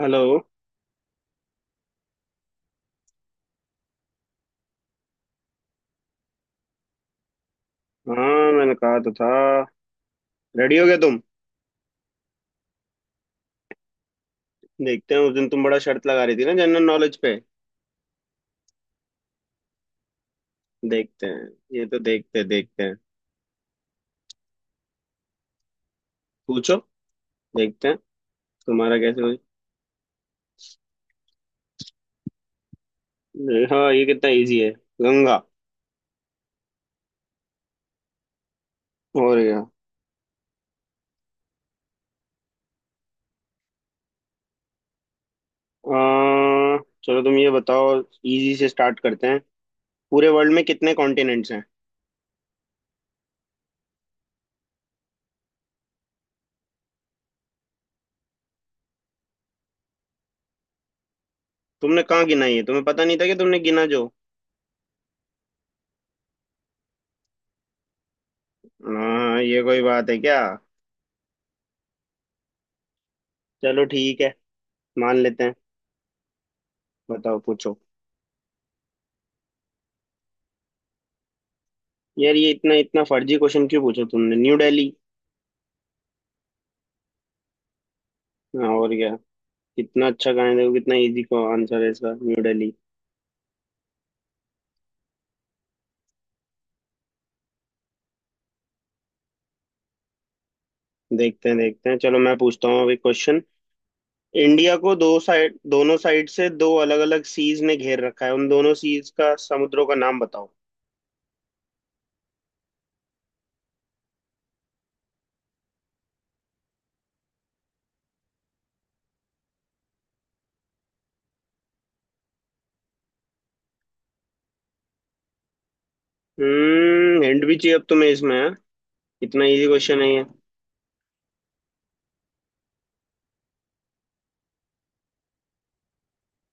Hello. हाँ, मैंने कहा तो था। रेडी हो गया तुम? देखते हैं। उस दिन तुम बड़ा शर्त लगा रही थी ना जनरल नॉलेज पे। देखते हैं। ये तो देखते देखते हैं। पूछो। देखते हैं। तुम्हारा कैसे हुई? हाँ, ये कितना इजी है। गंगा। और क्या। अह, चलो तुम ये बताओ, इजी से स्टार्ट करते हैं। पूरे वर्ल्ड में कितने कॉन्टिनेंट्स हैं? तुमने कहाँ गिना, ये तुम्हें पता नहीं था कि तुमने गिना जो। हाँ ये कोई बात है क्या। चलो ठीक है, मान लेते हैं। बताओ पूछो। यार ये इतना इतना फर्जी क्वेश्चन क्यों पूछा तुमने, न्यू दिल्ली। हाँ, और क्या। कितना अच्छा कहा है, देखो कितना इजी का आंसर है इसका, न्यू दिल्ली। देखते हैं देखते हैं, चलो मैं पूछता हूँ अभी क्वेश्चन। इंडिया को दो साइड, दोनों साइड से दो अलग अलग सीज ने घेर रखा है, उन दोनों सीज का, समुद्रों का नाम बताओ। हम्म, हिंट भी चाहिए अब तुम्हें इसमें, हाँ? इतना इजी क्वेश्चन है ये।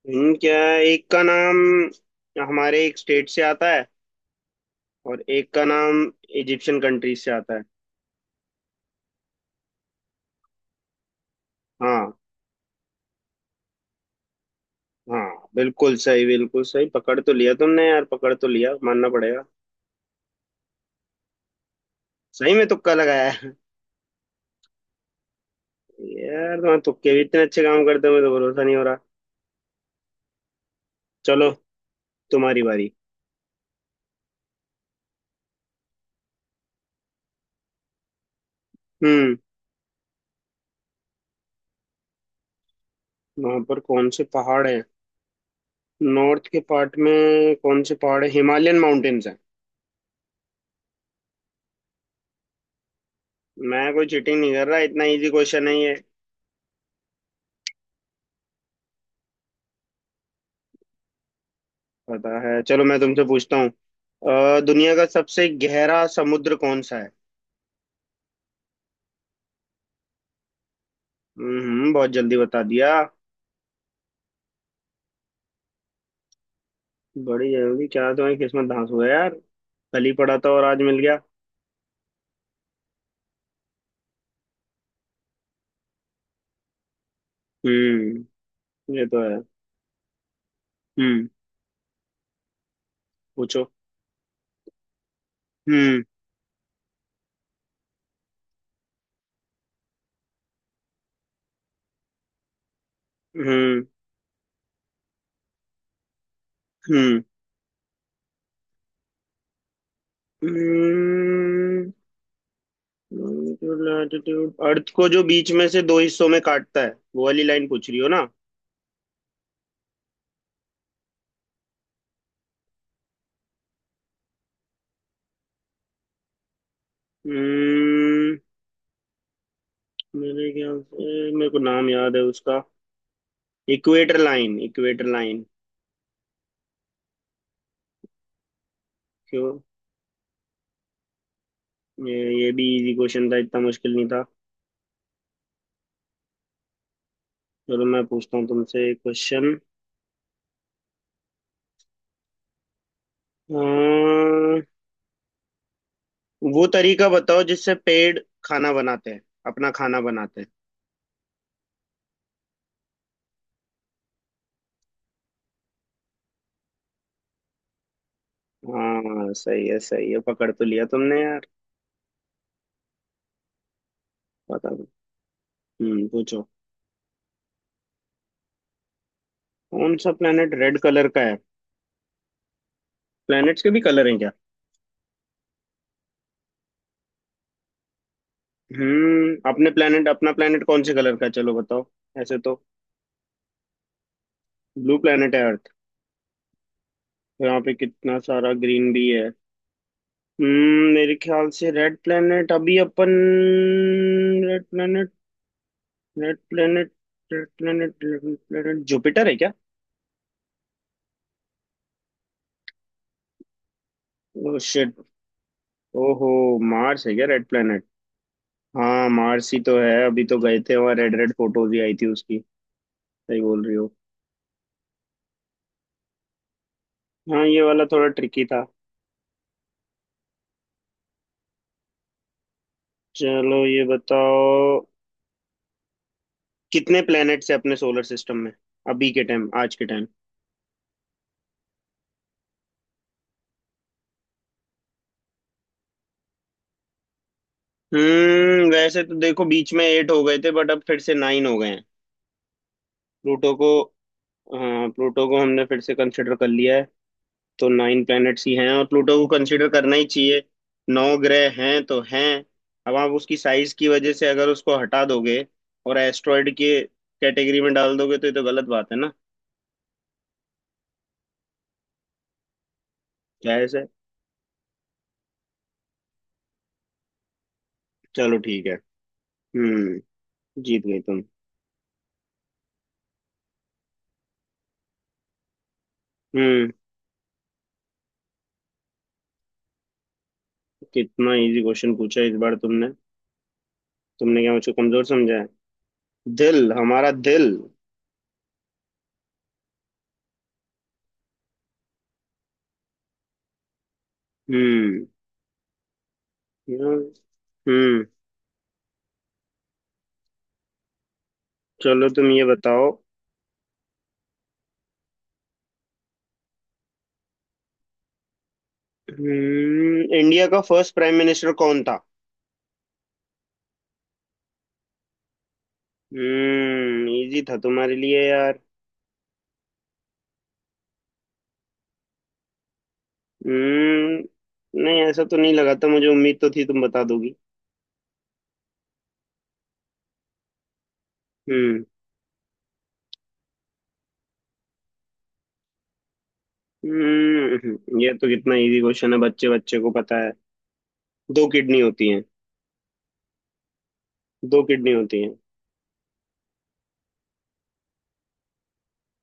हिंट क्या है, एक का नाम हमारे एक स्टेट से आता है, और एक का नाम इजिप्शियन कंट्री से आता है। हाँ। हाँ बिल्कुल सही बिल्कुल सही, पकड़ तो लिया तुमने यार, पकड़ तो लिया, मानना पड़ेगा। सही में तुक्का लगाया है। यार, तुम्हारे तुक्के भी इतने अच्छे काम करते हो, मुझे तो भरोसा नहीं हो रहा। चलो, तुम्हारी बारी। हम्म। वहां पर कौन से पहाड़ हैं, नॉर्थ के पार्ट में, कौन से पहाड़ है, हिमालयन माउंटेन्स हैं। मैं कोई चीटिंग नहीं कर रहा, इतना इजी क्वेश्चन है ये। पता है। चलो मैं तुमसे पूछता हूँ, दुनिया का सबसे गहरा समुद्र कौन सा है? बहुत जल्दी बता दिया। बड़ी जल्दी क्या, तुम्हारी किस्मत धांस हुआ यार, कल ही पड़ा था और आज मिल गया। हम्म। ये तो है। हम्म पूछो। हम्म। हम्म। हम्म लैटिट्यूड, अर्थ को जो बीच में से दो हिस्सों में काटता है वो वाली लाइन पूछ रही हो ना? हम्म। मेरे ख्याल से मेरे को नाम याद है उसका, इक्वेटर लाइन, इक्वेटर लाइन। क्यों? ये ये भी इजी क्वेश्चन था, इतना मुश्किल नहीं था। चलो मैं पूछता हूँ तुमसे एक क्वेश्चन। वो तरीका बताओ जिससे पेड़ खाना बनाते हैं, अपना खाना बनाते हैं। हाँ सही है सही है, पकड़ तो लिया तुमने यार। पता नहीं। पूछो। कौन सा प्लेनेट रेड कलर का है? प्लैनेट्स के भी कलर हैं क्या? अपने प्लेनेट, अपना प्लेनेट कौन से कलर का है, चलो बताओ। ऐसे तो। ब्लू प्लेनेट है अर्थ, यहाँ पे कितना सारा ग्रीन भी है। मेरे ख्याल से रेड प्लेनेट अभी अपन, red planet, red planet, red planet, red planet Jupiter है। क्या? ओहो। मार्स है क्या रेड प्लेनेट? हाँ मार्स ही तो है, अभी तो गए थे वहाँ, रेड रेड फोटोज ही आई थी उसकी। सही बोल रही हो। हाँ ये वाला थोड़ा ट्रिकी था। चलो ये बताओ, कितने प्लैनेट्स है अपने सोलर सिस्टम में, अभी के टाइम, आज के टाइम। वैसे तो देखो बीच में एट हो गए थे, बट अब फिर से नाइन हो गए हैं। प्लूटो को। हाँ प्लूटो को हमने फिर से कंसिडर कर लिया है, तो नाइन प्लैनेट्स ही हैं, और प्लूटो को कंसीडर करना ही चाहिए। नौ ग्रह हैं तो हैं। अब आप उसकी साइज की वजह से अगर उसको हटा दोगे, और एस्ट्रॉयड के कैटेगरी में डाल दोगे तो ये तो गलत बात है ना। जाहिर से। चलो ठीक है। हम्म। जीत गई तुम। हम्म कितना इजी क्वेश्चन पूछा इस बार तुमने, तुमने क्या मुझको कमजोर समझा है? दिल, हमारा दिल। हम्म यार, हम्म चलो तुम ये बताओ। इंडिया का फर्स्ट प्राइम मिनिस्टर कौन था? इजी था तुम्हारे लिए यार। नहीं ऐसा तो नहीं लगा था, मुझे उम्मीद तो थी तुम बता दोगी। हम्म। ये तो कितना इजी क्वेश्चन है, बच्चे बच्चे को पता है, दो किडनी होती हैं। दो किडनी होती हैं।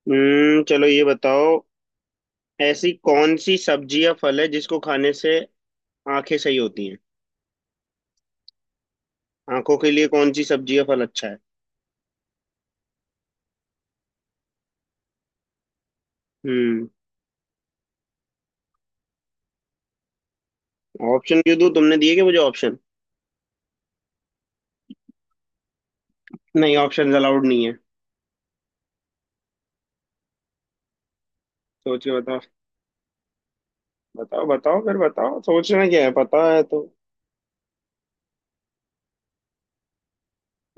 चलो ये बताओ, ऐसी कौन सी सब्जी या फल है जिसको खाने से आंखें सही होती हैं, आंखों के लिए कौन सी सब्जी या फल अच्छा है? हम्म ऑप्शन क्यों दूं, तुमने दिए क्या मुझे ऑप्शन? नहीं, ऑप्शन अलाउड नहीं है। सोच के बताओ। बताओ बताओ फिर बताओ, सोचना क्या है, पता है तो।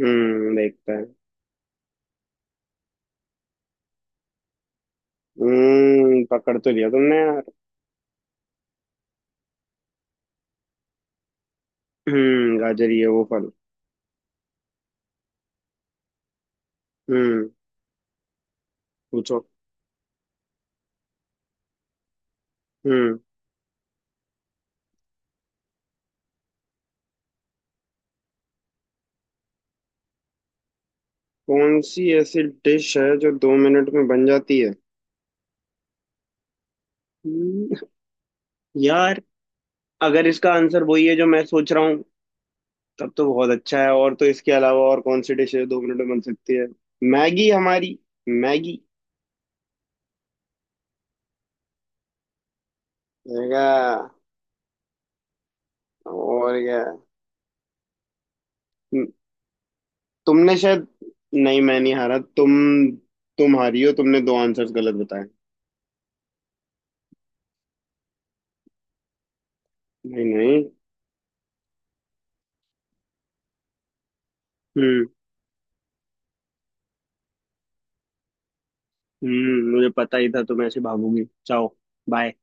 देखते हैं। पकड़ तो लिया तुमने यार। गाजर, ये वो फल। हम्म पूछो। हम्म कौन सी ऐसी डिश है जो 2 मिनट में बन जाती है? हम्म, यार, अगर इसका आंसर वही है जो मैं सोच रहा हूँ, तब तो बहुत अच्छा है, और तो इसके अलावा और कौन सी डिश है जो 2 मिनट में बन सकती है? मैगी, हमारी मैगी। मैगा। और क्या। तुमने शायद, नहीं, मैं नहीं हारा, तुम हारी हो, तुमने दो आंसर्स गलत बताए। नहीं नहीं। हम्म। मुझे पता ही था तुम ऐसे भागोगी, जाओ। बाय।